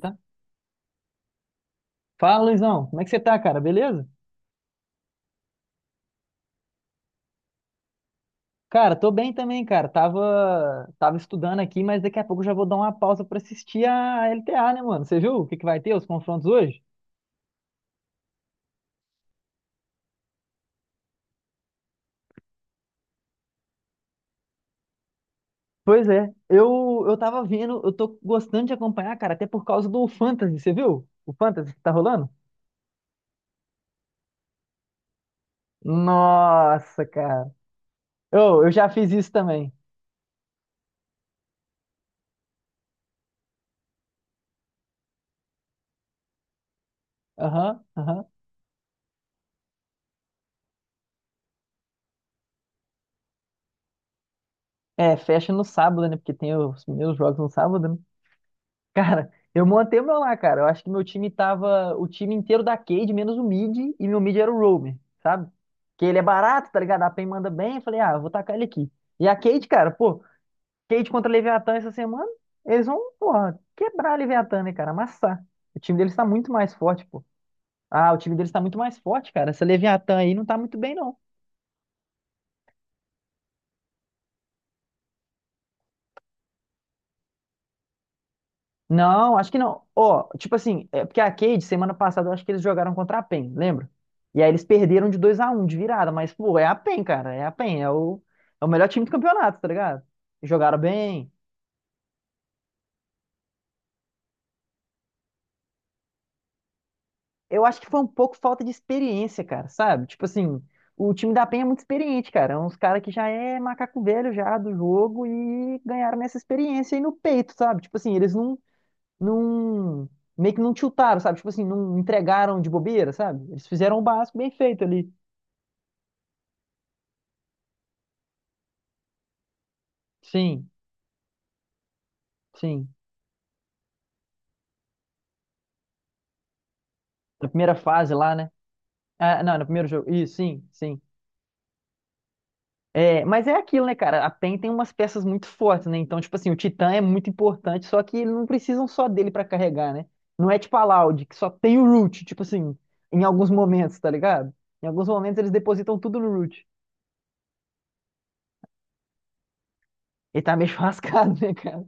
Tá? Fala, Luizão. Como é que você tá, cara? Beleza? Cara, tô bem também, cara. Tava estudando aqui, mas daqui a pouco eu já vou dar uma pausa pra assistir a LTA, né, mano? Você viu o que que vai ter, os confrontos hoje? Pois é, eu tava vendo, eu tô gostando de acompanhar, cara, até por causa do Fantasy, você viu? O Fantasy que tá rolando? Nossa, cara. Eu já fiz isso também. Aham, aham. É, fecha no sábado, né? Porque tem os meus jogos no sábado. Cara, eu montei o meu lá, cara. Eu acho que meu time tava o time inteiro da Cade, menos o mid, e meu mid era o Roamer, sabe? Que ele é barato, tá ligado? A PEN manda bem. Eu falei, ah, eu vou tacar ele aqui. E a Cade, cara, pô, Cade contra Leviatã essa semana, eles vão, porra, quebrar a Leviatã, né, cara? Amassar. O time deles tá muito mais forte, pô. Ah, o time deles tá muito mais forte, cara. Essa Leviatã aí não tá muito bem, não. Não, acho que não. Ó, tipo assim, é porque a Cade, semana passada, eu acho que eles jogaram contra a PEN, lembra? E aí eles perderam de 2-1 de virada, mas, pô, é a PEN, cara. É a PEN, é o, é o melhor time do campeonato, tá ligado? Jogaram bem. Eu acho que foi um pouco falta de experiência, cara, sabe? Tipo assim, o time da PEN é muito experiente, cara. É uns caras que já é macaco velho já do jogo e ganharam essa experiência aí no peito, sabe? Tipo assim, eles não, não. Meio que não tiltaram, sabe? Tipo assim, não entregaram de bobeira, sabe? Eles fizeram o básico bem feito ali. Sim, sim. Na primeira fase lá, né? Ah, não, no primeiro jogo. Isso, sim, sim. É, mas é aquilo, né, cara? A PEN tem umas peças muito fortes, né? Então, tipo assim, o Titã é muito importante, só que eles não precisam só dele pra carregar, né? Não é tipo a Loud, que só tem o Root, tipo assim, em alguns momentos, tá ligado? Em alguns momentos eles depositam tudo no Root. Ele tá meio churrascado, né, cara?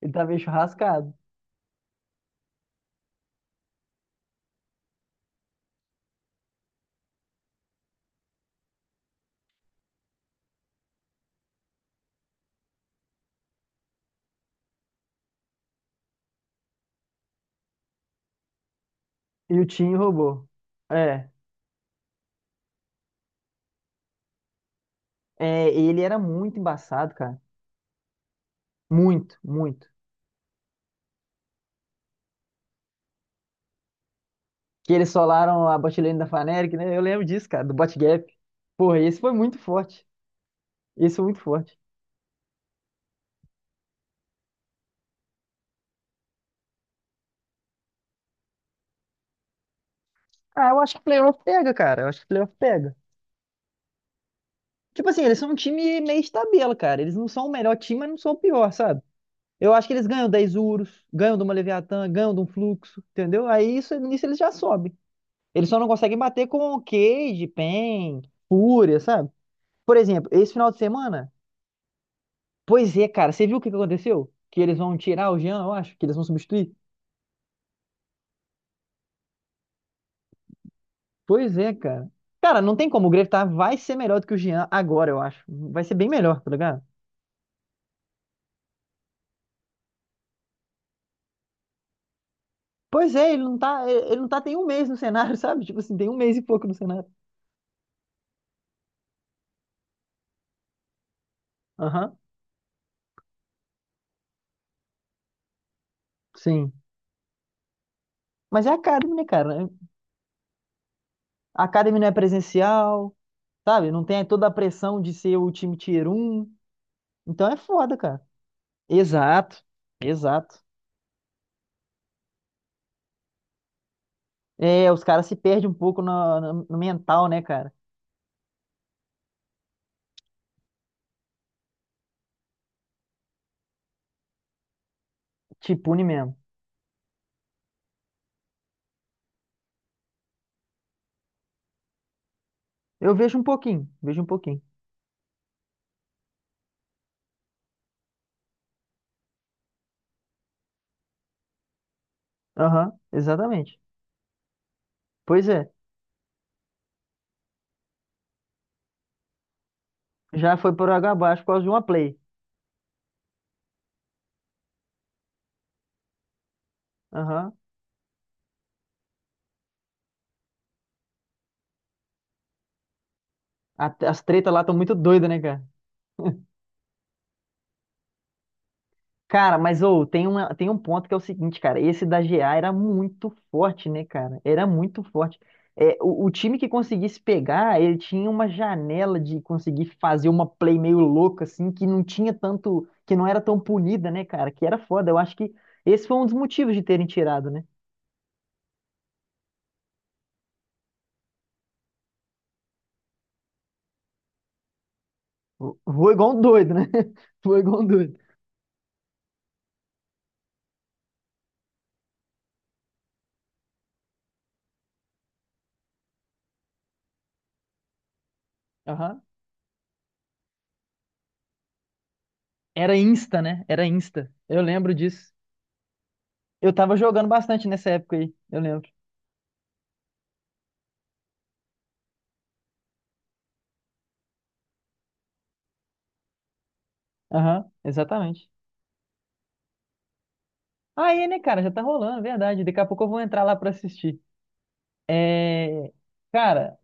Ele tá meio churrascado. E o Tim roubou. É, é, ele era muito embaçado, cara. Muito, muito. Que eles solaram a botlane da Fnatic, né? Eu lembro disso, cara, do botgap. Porra, esse foi muito forte. Esse foi muito forte. Ah, eu acho que playoff pega, cara. Eu acho que playoff pega. Tipo assim, eles são um time meio de tabela, cara. Eles não são o melhor time, mas não são o pior, sabe? Eu acho que eles ganham 10 Urus, ganham de uma Leviatã, ganham de um Fluxo, entendeu? Aí isso, nisso eles já sobem. Eles só não conseguem bater com o Cage, Pen, Fúria, sabe? Por exemplo, esse final de semana? Pois é, cara. Você viu o que que aconteceu? Que eles vão tirar o Jean, eu acho, que eles vão substituir. Pois é, cara. Cara, não tem como. O Grevtar vai ser melhor do que o Jean agora, eu acho. Vai ser bem melhor, tá ligado? Pois é, ele não tá, ele não tá tem um mês no cenário, sabe? Tipo assim, tem um mês e pouco no cenário. Aham, sim. Mas é a Academy, né, cara? A Academy não é presencial, sabe? Não tem toda a pressão de ser o time Tier um. Então é foda, cara. Exato, exato. É, os caras se perdem um pouco no, no mental, né, cara? Te pune mesmo. Eu vejo um pouquinho, vejo um pouquinho. Aham, exatamente. Pois é, já foi por água abaixo por causa de uma play. Aham. As tretas lá estão muito doidas, né, cara? Cara, mas ô, tem um ponto que é o seguinte, cara. Esse da GA era muito forte, né, cara? Era muito forte. É, o, time que conseguisse pegar, ele tinha uma janela de conseguir fazer uma play meio louca, assim, que não tinha tanto, que não era tão punida, né, cara? Que era foda. Eu acho que esse foi um dos motivos de terem tirado, né? Foi igual um doido, né? Foi igual um doido. Aham. Era Insta, né? Era Insta. Eu lembro disso. Eu tava jogando bastante nessa época aí. Eu lembro. Aham, exatamente. Aí, né, cara, já tá rolando, é verdade. Daqui a pouco eu vou entrar lá pra assistir. É, cara,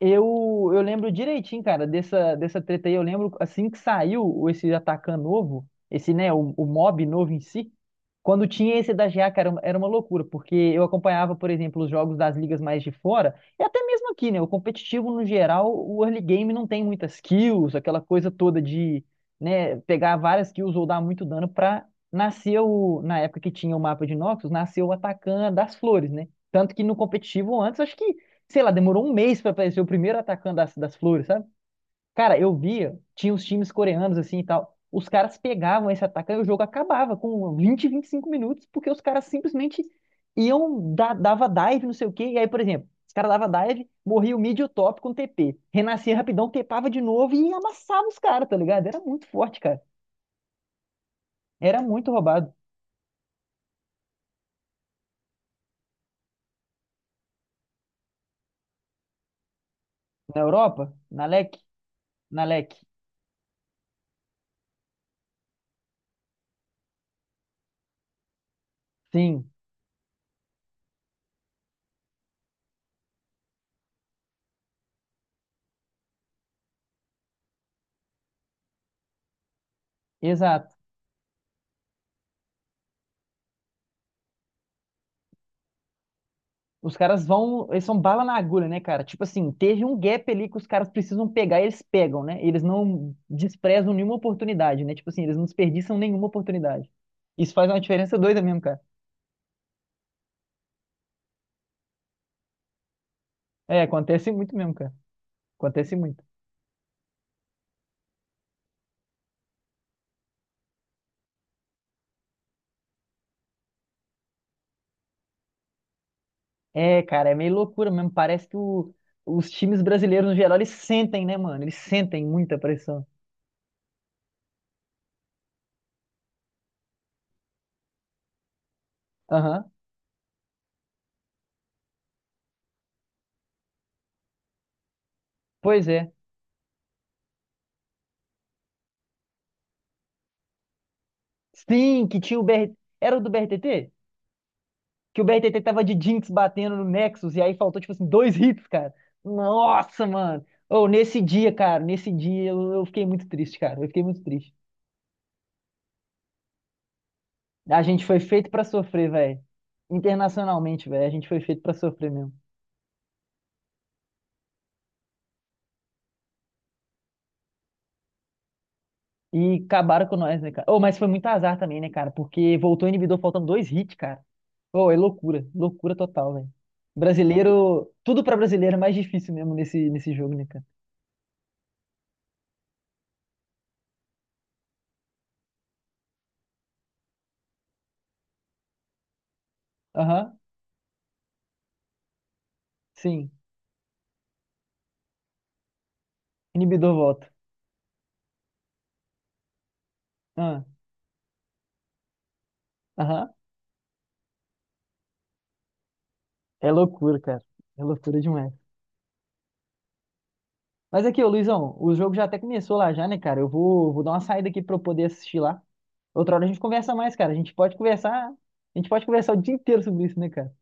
eu lembro direitinho, cara, dessa treta aí. Eu lembro assim que saiu esse Atacan novo, esse, né, o, mob novo em si. Quando tinha esse da GA, cara, era uma loucura, porque eu acompanhava, por exemplo, os jogos das ligas mais de fora, e até mesmo aqui, né? O competitivo, no geral, o early game não tem muitas kills, aquela coisa toda de, né, pegar várias kills ou dar muito dano pra nascer o, na época que tinha o mapa de Noxus, nasceu o Atacan das flores, né? Tanto que no competitivo antes, acho que sei lá, demorou um mês pra aparecer o primeiro atacante das flores, sabe? Cara, eu via, tinha os times coreanos assim e tal. Os caras pegavam esse atacante e o jogo acabava com 20-25 minutos, porque os caras simplesmente iam, dava dive, não sei o quê. E aí, por exemplo, os caras dava dive, morria o mid e o top com TP. Renascia rapidão, tepava de novo e amassava os caras, tá ligado? Era muito forte, cara. Era muito roubado. Na Europa, na LEC, na LEC. Sim, exato. Os caras vão, eles são bala na agulha, né, cara? Tipo assim, teve um gap ali que os caras precisam pegar, e eles pegam, né? Eles não desprezam nenhuma oportunidade, né? Tipo assim, eles não desperdiçam nenhuma oportunidade. Isso faz uma diferença doida mesmo, cara. É, acontece muito mesmo, cara. Acontece muito. É, cara, é meio loucura mesmo. Parece que o- os times brasileiros, no geral, eles sentem, né, mano? Eles sentem muita pressão. Aham. Pois é. Sim, que tinha o BR... Era o do BRTT? Que o BRTT tava de Jinx batendo no Nexus e aí faltou, tipo assim, dois hits, cara. Nossa, mano. Ou nesse dia, cara, nesse dia eu fiquei muito triste, cara. Eu fiquei muito triste. A gente foi feito pra sofrer, velho. Internacionalmente, velho. A gente foi feito pra sofrer mesmo. E acabaram com nós, né, cara? Oh, mas foi muito azar também, né, cara? Porque voltou o inibidor faltando dois hits, cara. Oh, é loucura. Loucura total, velho. Brasileiro. Tudo pra brasileiro é mais difícil mesmo nesse, nesse jogo, né, cara? Aham, sim. Inibidor volta. Ah, aham. É loucura, cara. É loucura demais. Mas aqui, ô Luizão, o jogo já até começou lá já, né, cara? Eu vou dar uma saída aqui pra eu poder assistir lá. Outra hora a gente conversa mais, cara. A gente pode conversar, a gente pode conversar o dia inteiro sobre isso, né, cara?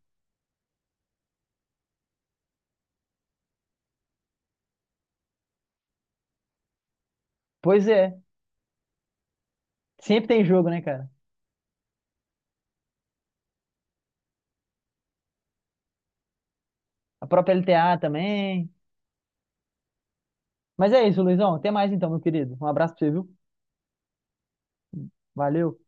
Pois é. Sempre tem jogo, né, cara? A própria LTA também. Mas é isso, Luizão. Até mais então, meu querido. Um abraço pra você, viu? Valeu.